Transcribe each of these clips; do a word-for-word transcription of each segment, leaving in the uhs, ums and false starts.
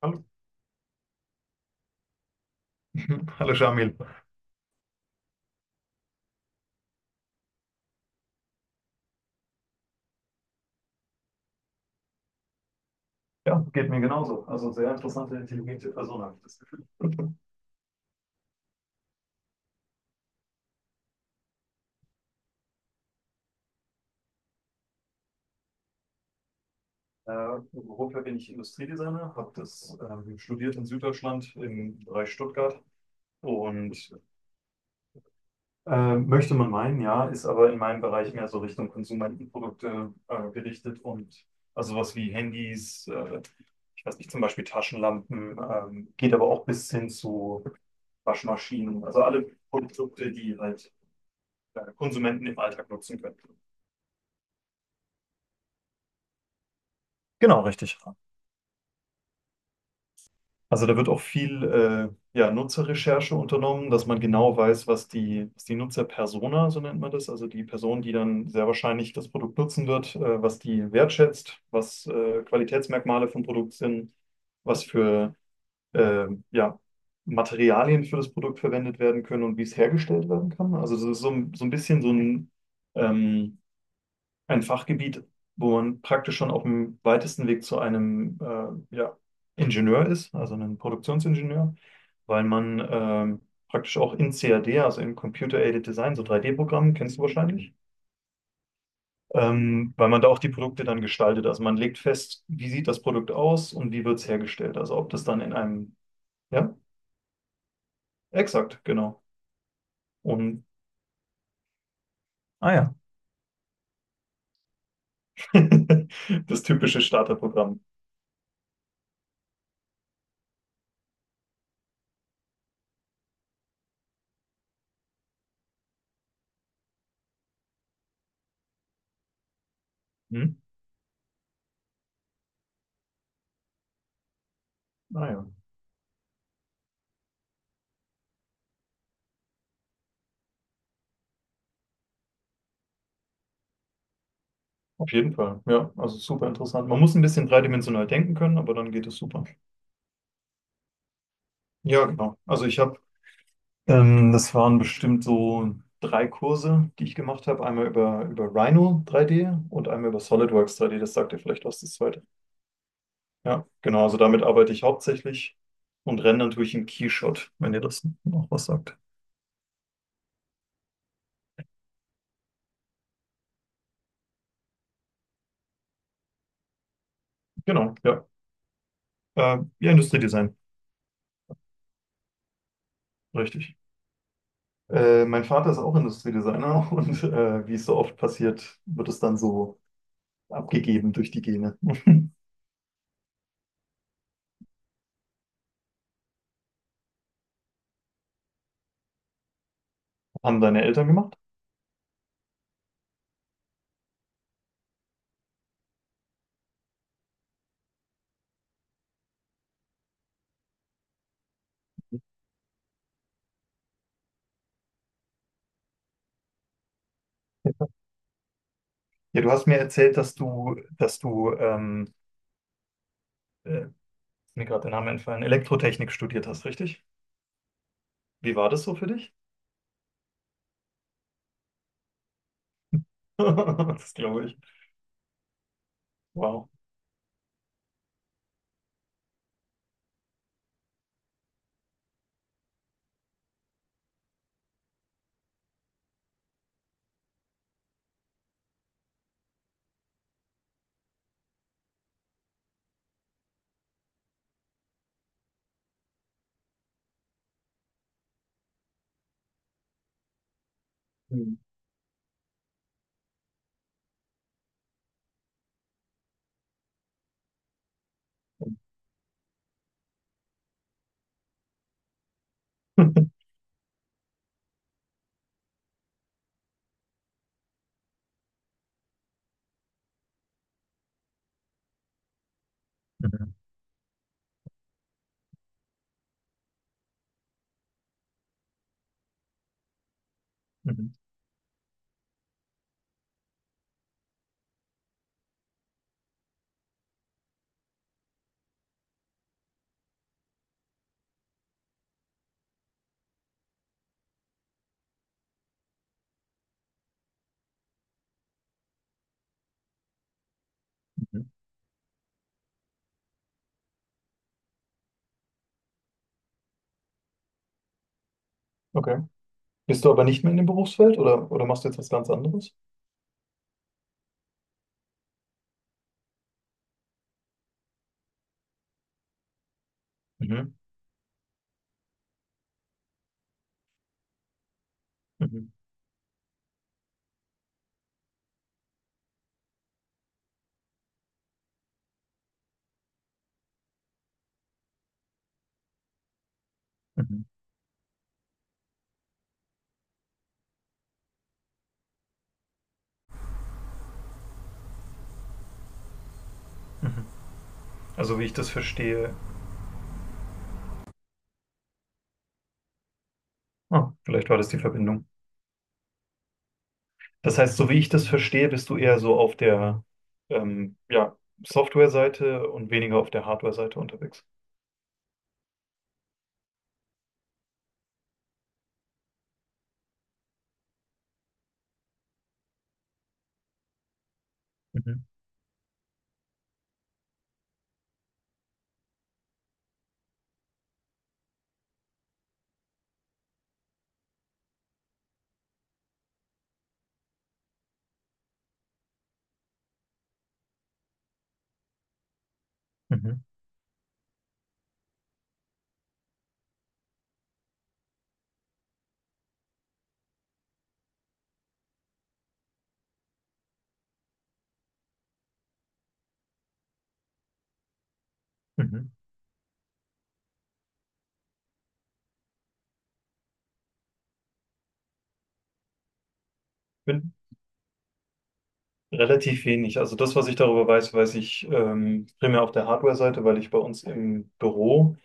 Hallo, hallo Shamil. Ja, geht mir genauso. Also sehr interessante, intelligente Person, habe ich das Gefühl. Äh, beruflich bin ich Industriedesigner, habe das ähm, studiert in Süddeutschland im Bereich Stuttgart und äh, möchte man meinen, ja, ist aber in meinem Bereich mehr so Richtung Konsumentenprodukte äh, gerichtet, und also was wie Handys, äh, ich weiß nicht, zum Beispiel Taschenlampen, ähm, geht aber auch bis hin zu Waschmaschinen, also alle Produkte, die halt äh, Konsumenten im Alltag nutzen können. Genau, richtig. Also da wird auch viel äh, ja, Nutzerrecherche unternommen, dass man genau weiß, was die, was die Nutzerpersona, so nennt man das, also die Person, die dann sehr wahrscheinlich das Produkt nutzen wird, äh, was die wertschätzt, was äh, Qualitätsmerkmale vom Produkt sind, was für äh, ja, Materialien für das Produkt verwendet werden können und wie es hergestellt werden kann. Also das ist so, ein- so ein bisschen so ein ähm, ein Fachgebiet, wo man praktisch schon auf dem weitesten Weg zu einem äh, ja, Ingenieur ist, also einem Produktionsingenieur, weil man ähm, praktisch auch in cad, also in Computer-Aided Design, so drei D-Programmen, kennst du wahrscheinlich, ähm, weil man da auch die Produkte dann gestaltet. Also man legt fest, wie sieht das Produkt aus und wie wird es hergestellt. Also ob das dann in einem, ja, exakt, genau. Und, ah ja, das typische Starterprogramm. Hm? Ah ja. Auf jeden Fall, ja, also super interessant. Man muss ein bisschen dreidimensional denken können, aber dann geht es super. Ja, genau. Also ich habe, ähm, das waren bestimmt so drei Kurse, die ich gemacht habe. Einmal über, über Rhino drei D und einmal über SolidWorks drei D. Das sagt dir vielleicht was, das zweite. Ja, genau. Also damit arbeite ich hauptsächlich und rendern tue ich im Keyshot, wenn ihr das noch was sagt. Genau, ja. Äh, ja, Industriedesign, richtig. Äh, mein Vater ist auch Industriedesigner und äh, wie es so oft passiert, wird es dann so abgegeben durch die Gene. Haben deine Eltern gemacht? Ja, ja, du hast mir erzählt, dass du, dass du, ähm, äh, ist mir gerade der Name entfallen, Elektrotechnik studiert hast, richtig? Wie war das so für dich? Das glaube ich. Wow. Mhm. Mhm. Mhm. Mhm. Okay. Bist du aber nicht mehr in dem Berufsfeld, oder, oder machst du jetzt was ganz anderes? Mhm. Mhm. Mhm. Mhm. Also wie ich das verstehe, ah, vielleicht war das die Verbindung. Das heißt, so wie ich das verstehe, bist du eher so auf der ähm, ja, Software-Seite und weniger auf der Hardware-Seite unterwegs. Mhm. Mhm. Mhm. Bin relativ wenig. Also das, was ich darüber weiß, weiß ich ähm, primär auf der Hardware-Seite, weil ich bei uns im Büro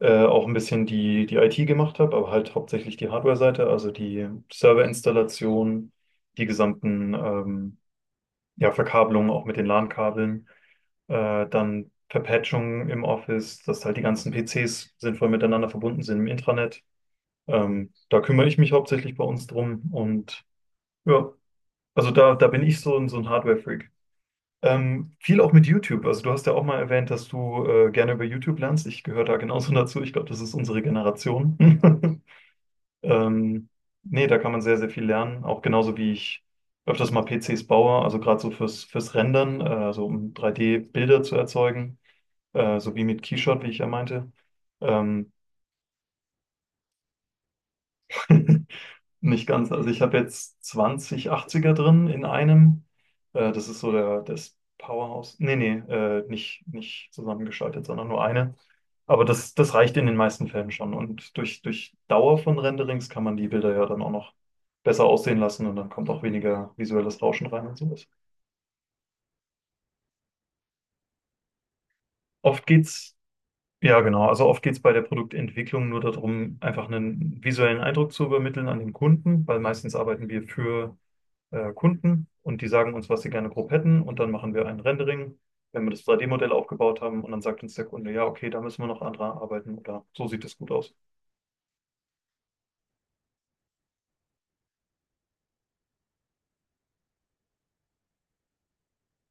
äh, auch ein bisschen die, die I T gemacht habe, aber halt hauptsächlich die Hardware-Seite, also die Serverinstallation, die gesamten ähm, ja, Verkabelungen auch mit den LAN-Kabeln. Äh, dann Verpatchung im Office, dass halt die ganzen P Cs sinnvoll miteinander verbunden sind im Intranet. Ähm, da kümmere ich mich hauptsächlich bei uns drum und ja, also da, da bin ich so ein, so ein Hardware-Freak. Ähm, viel auch mit YouTube. Also du hast ja auch mal erwähnt, dass du äh, gerne über YouTube lernst. Ich gehöre da genauso dazu. Ich glaube, das ist unsere Generation. Ähm, Nee, da kann man sehr, sehr viel lernen. Auch genauso wie ich öfters mal P Cs baue, also gerade so fürs, fürs Rendern, äh, also um drei D-Bilder zu erzeugen, äh, so wie mit Keyshot, wie ich ja meinte. Ähm, Nicht ganz. Also ich habe jetzt zwanzig achtziger drin in einem. Äh, das ist so der, das Powerhouse. Nee, nee, äh, nicht, nicht zusammengeschaltet, sondern nur eine. Aber das, das reicht in den meisten Fällen schon. Und durch, durch Dauer von Renderings kann man die Bilder ja dann auch noch besser aussehen lassen, und dann kommt auch weniger visuelles Rauschen rein und sowas. Oft geht's Ja, genau. Also oft geht es bei der Produktentwicklung nur darum, einfach einen visuellen Eindruck zu übermitteln an den Kunden, weil meistens arbeiten wir für äh, Kunden, und die sagen uns, was sie gerne grob hätten, und dann machen wir ein Rendering, wenn wir das drei D-Modell aufgebaut haben, und dann sagt uns der Kunde, ja, okay, da müssen wir noch andere arbeiten oder so sieht das gut aus.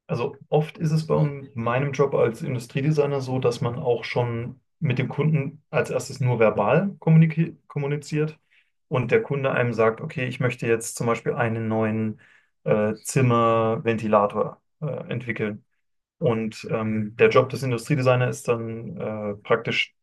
Also oft ist es bei un- meinem Job als Industriedesigner so, dass man auch schon mit dem Kunden als erstes nur verbal kommuniki- kommuniziert und der Kunde einem sagt, okay, ich möchte jetzt zum Beispiel einen neuen äh, Zimmerventilator äh, entwickeln. Und ähm, der Job des Industriedesigners ist dann äh, praktisch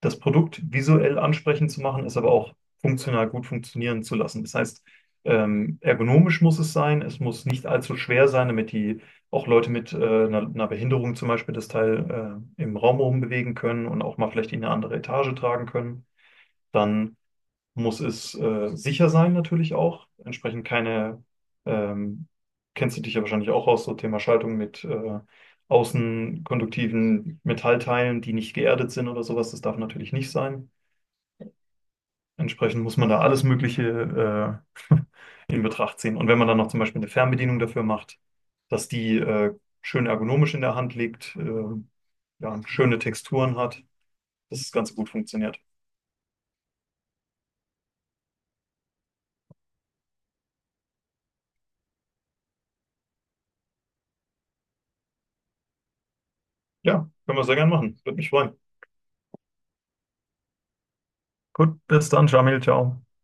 das Produkt visuell ansprechend zu machen, es aber auch funktional gut funktionieren zu lassen. Das heißt, ähm, ergonomisch muss es sein, es muss nicht allzu schwer sein, damit die auch Leute mit äh, einer, einer Behinderung zum Beispiel das Teil äh, im Raum rumbewegen können und auch mal vielleicht in eine andere Etage tragen können. Dann muss es äh, sicher sein natürlich auch, entsprechend keine, ähm, kennst du dich ja wahrscheinlich auch aus, so Thema Schaltung mit äh, außenkonduktiven Metallteilen, die nicht geerdet sind oder sowas, das darf natürlich nicht sein. Entsprechend muss man da alles Mögliche äh, in Betracht ziehen. Und wenn man dann noch zum Beispiel eine Fernbedienung dafür macht, dass die äh, schön ergonomisch in der Hand liegt, äh, ja, schöne Texturen hat, dass es ganz gut funktioniert. Ja, können wir sehr gern machen. Würde mich freuen. Gut, bis dann, Jamil. Ciao.